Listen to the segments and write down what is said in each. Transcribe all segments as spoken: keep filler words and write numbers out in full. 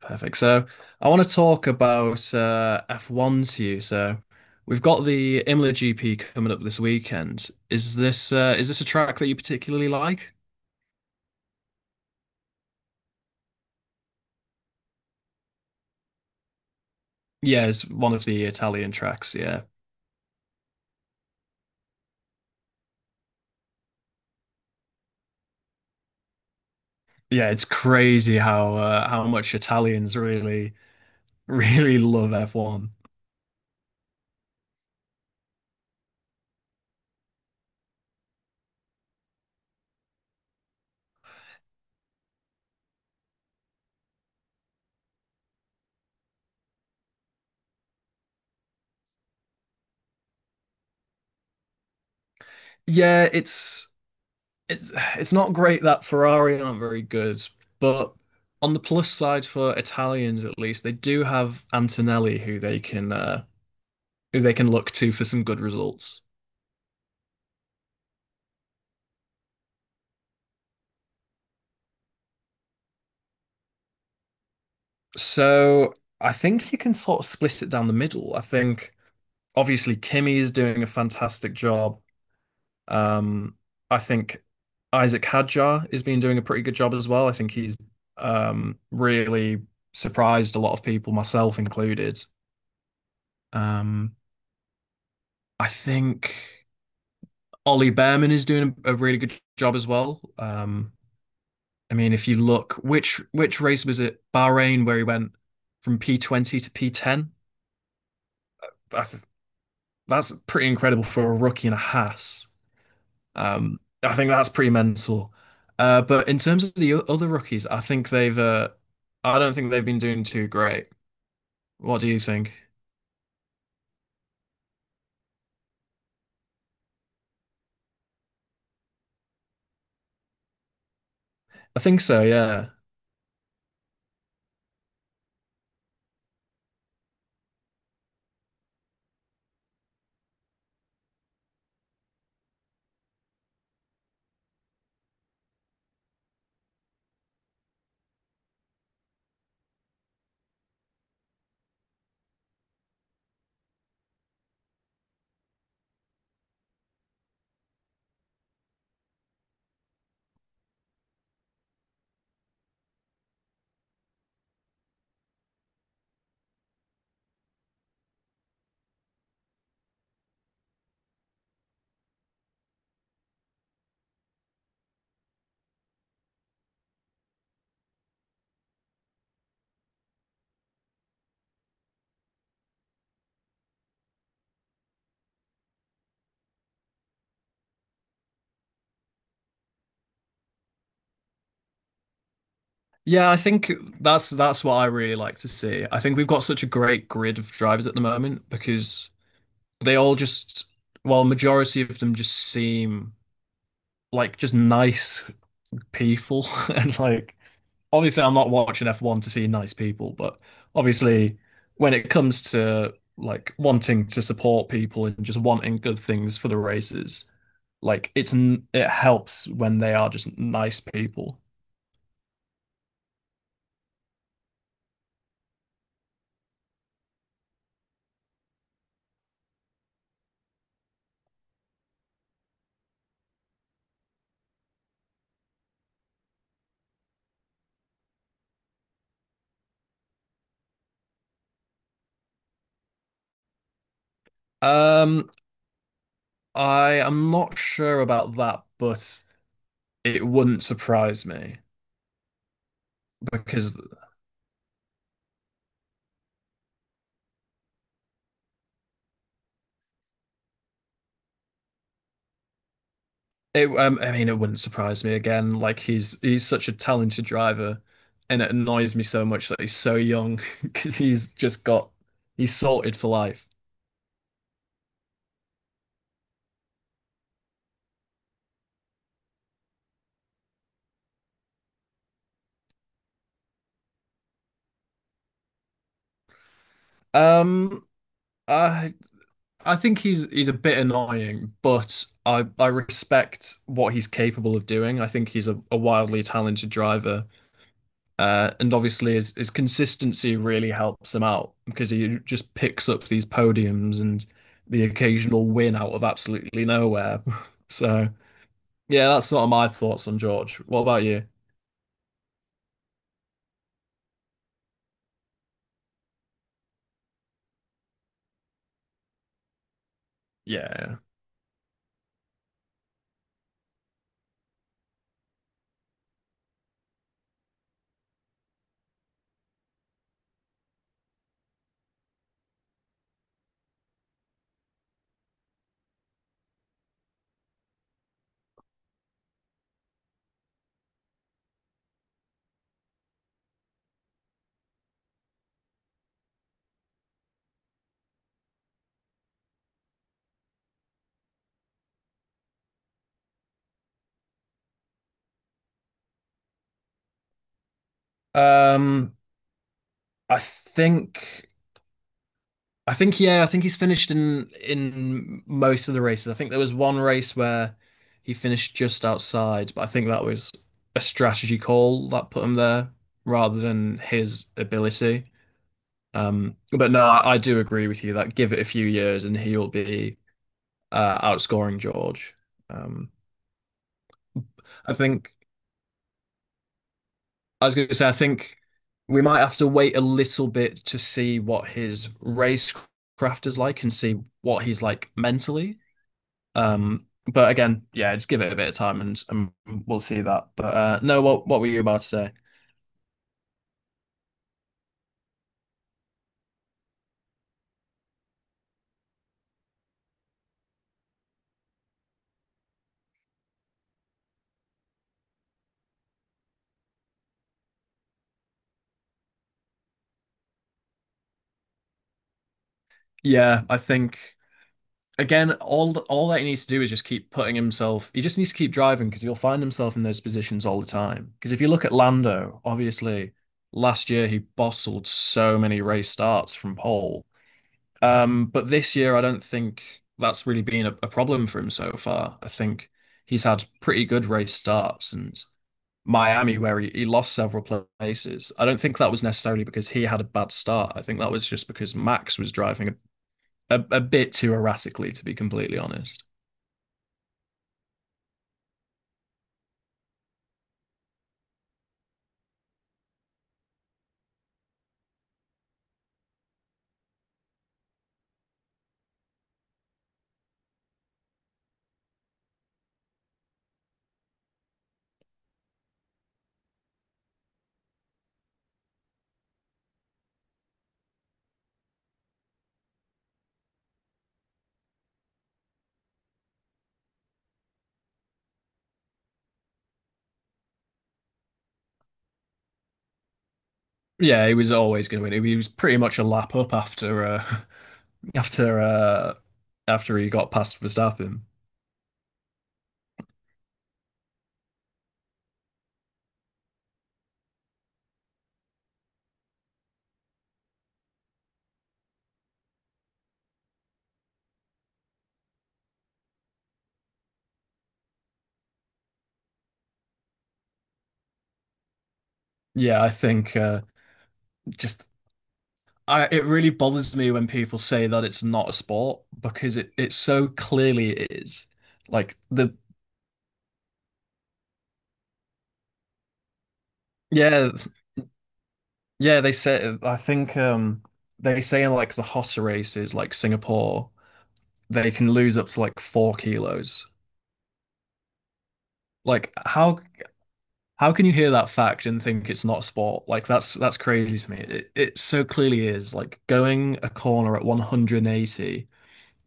Perfect. So I want to talk about uh, F one to you. So we've got the Imola G P coming up this weekend. Is this uh, is this a track that you particularly like? Yeah, it's one of the Italian tracks. Yeah, yeah, it's crazy how uh, how much Italians really really love F one. Yeah, it's it's it's not great that Ferrari aren't very good, but on the plus side for Italians at least, they do have Antonelli who they can uh, who they can look to for some good results. So I think you can sort of split it down the middle. I think obviously Kimi is doing a fantastic job. Um, I think Isaac Hadjar has been doing a pretty good job as well. I think he's um, really surprised a lot of people, myself included. Um, I think Ollie Behrman is doing a really good job as well. Um, I mean, if you look, which which race was it? Bahrain, where he went from P twenty to P ten. I th That's pretty incredible for a rookie and a Haas. Um, I think that's pretty mental. Uh, but in terms of the o- other rookies, I think they've. Uh, I don't think they've been doing too great. What do you think? I think so. Yeah. Yeah, I think that's that's what I really like to see. I think we've got such a great grid of drivers at the moment because they all just, well, majority of them just seem like just nice people and like obviously I'm not watching F one to see nice people, but obviously when it comes to like wanting to support people and just wanting good things for the races, like it's n- it helps when they are just nice people. Um, I am not sure about that, but it wouldn't surprise me because It, um, I mean, it wouldn't surprise me again. Like he's he's such a talented driver, and it annoys me so much that he's so young because he's just got he's sorted for life. Um, I I think he's he's a bit annoying, but I I respect what he's capable of doing. I think he's a, a wildly talented driver, uh, and obviously his his consistency really helps him out because he just picks up these podiums and the occasional win out of absolutely nowhere. So. Yeah, that's sort of my thoughts on George. What about you? Yeah. Um, I think I think yeah, I think he's finished in in most of the races. I think there was one race where he finished just outside, but I think that was a strategy call that put him there rather than his ability. Um, but no, I, I do agree with you that give it a few years and he'll be uh, outscoring George. Um, I think. I was going to say, I think we might have to wait a little bit to see what his racecraft is like and see what he's like mentally. Um, but again, yeah, just give it a bit of time and, and we'll see that. But uh, no, what what were you about to say? Yeah, I think again, all all that he needs to do is just keep putting himself. He just needs to keep driving because he'll find himself in those positions all the time. Because if you look at Lando, obviously last year he bottled so many race starts from pole. Um, but this year, I don't think that's really been a, a problem for him so far. I think he's had pretty good race starts, and Miami, where he, he lost several places. I don't think that was necessarily because he had a bad start. I think that was just because Max was driving a, a, a bit too erratically, to be completely honest. Yeah, he was always going to win. He was pretty much a lap up after uh, after uh, after he got past Verstappen. Yeah, I think uh, just I, it really bothers me when people say that it's not a sport because it, it so clearly is. Like the Yeah, yeah, they say, I think um they say in like the hotter races like Singapore they can lose up to like four kilos. Like how how can you hear that fact and think it's not a sport? Like that's that's crazy to me. It it so clearly is. Like going a corner at one hundred eighty,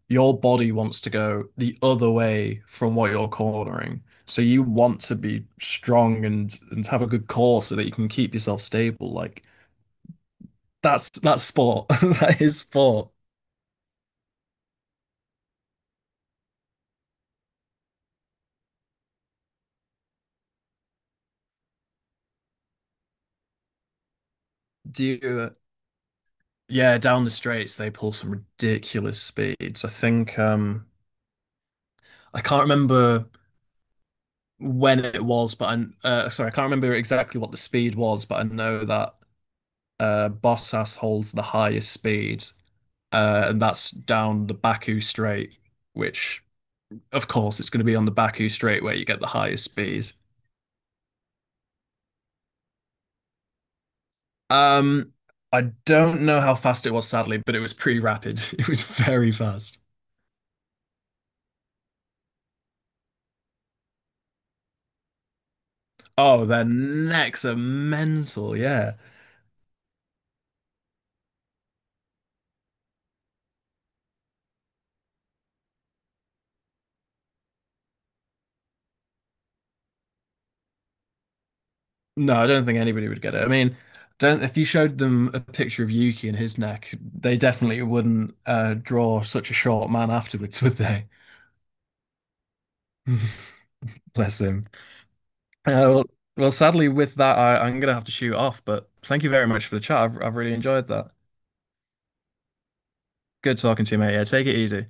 your body wants to go the other way from what you're cornering. So you want to be strong and and have a good core so that you can keep yourself stable. Like that's that's sport. That is sport. Do you, yeah, down the straights they pull some ridiculous speeds. I think um I can't remember when it was, but I'm uh, sorry, I can't remember exactly what the speed was, but I know that uh Bottas holds the highest speed, uh, and that's down the Baku Strait, which of course it's going to be on the Baku Strait where you get the highest speeds. Um, I don't know how fast it was, sadly, but it was pretty rapid. It was very fast. Oh, their necks are mental. Yeah. No, I don't think anybody would get it. I mean, don't if you showed them a picture of Yuki and his neck, they definitely wouldn't uh, draw such a short man afterwards, would they? Bless him. Uh, well, well, sadly, with that, I, I'm gonna have to shoot off, but thank you very much for the chat. I've, I've really enjoyed that. Good talking to you, mate. Yeah, take it easy.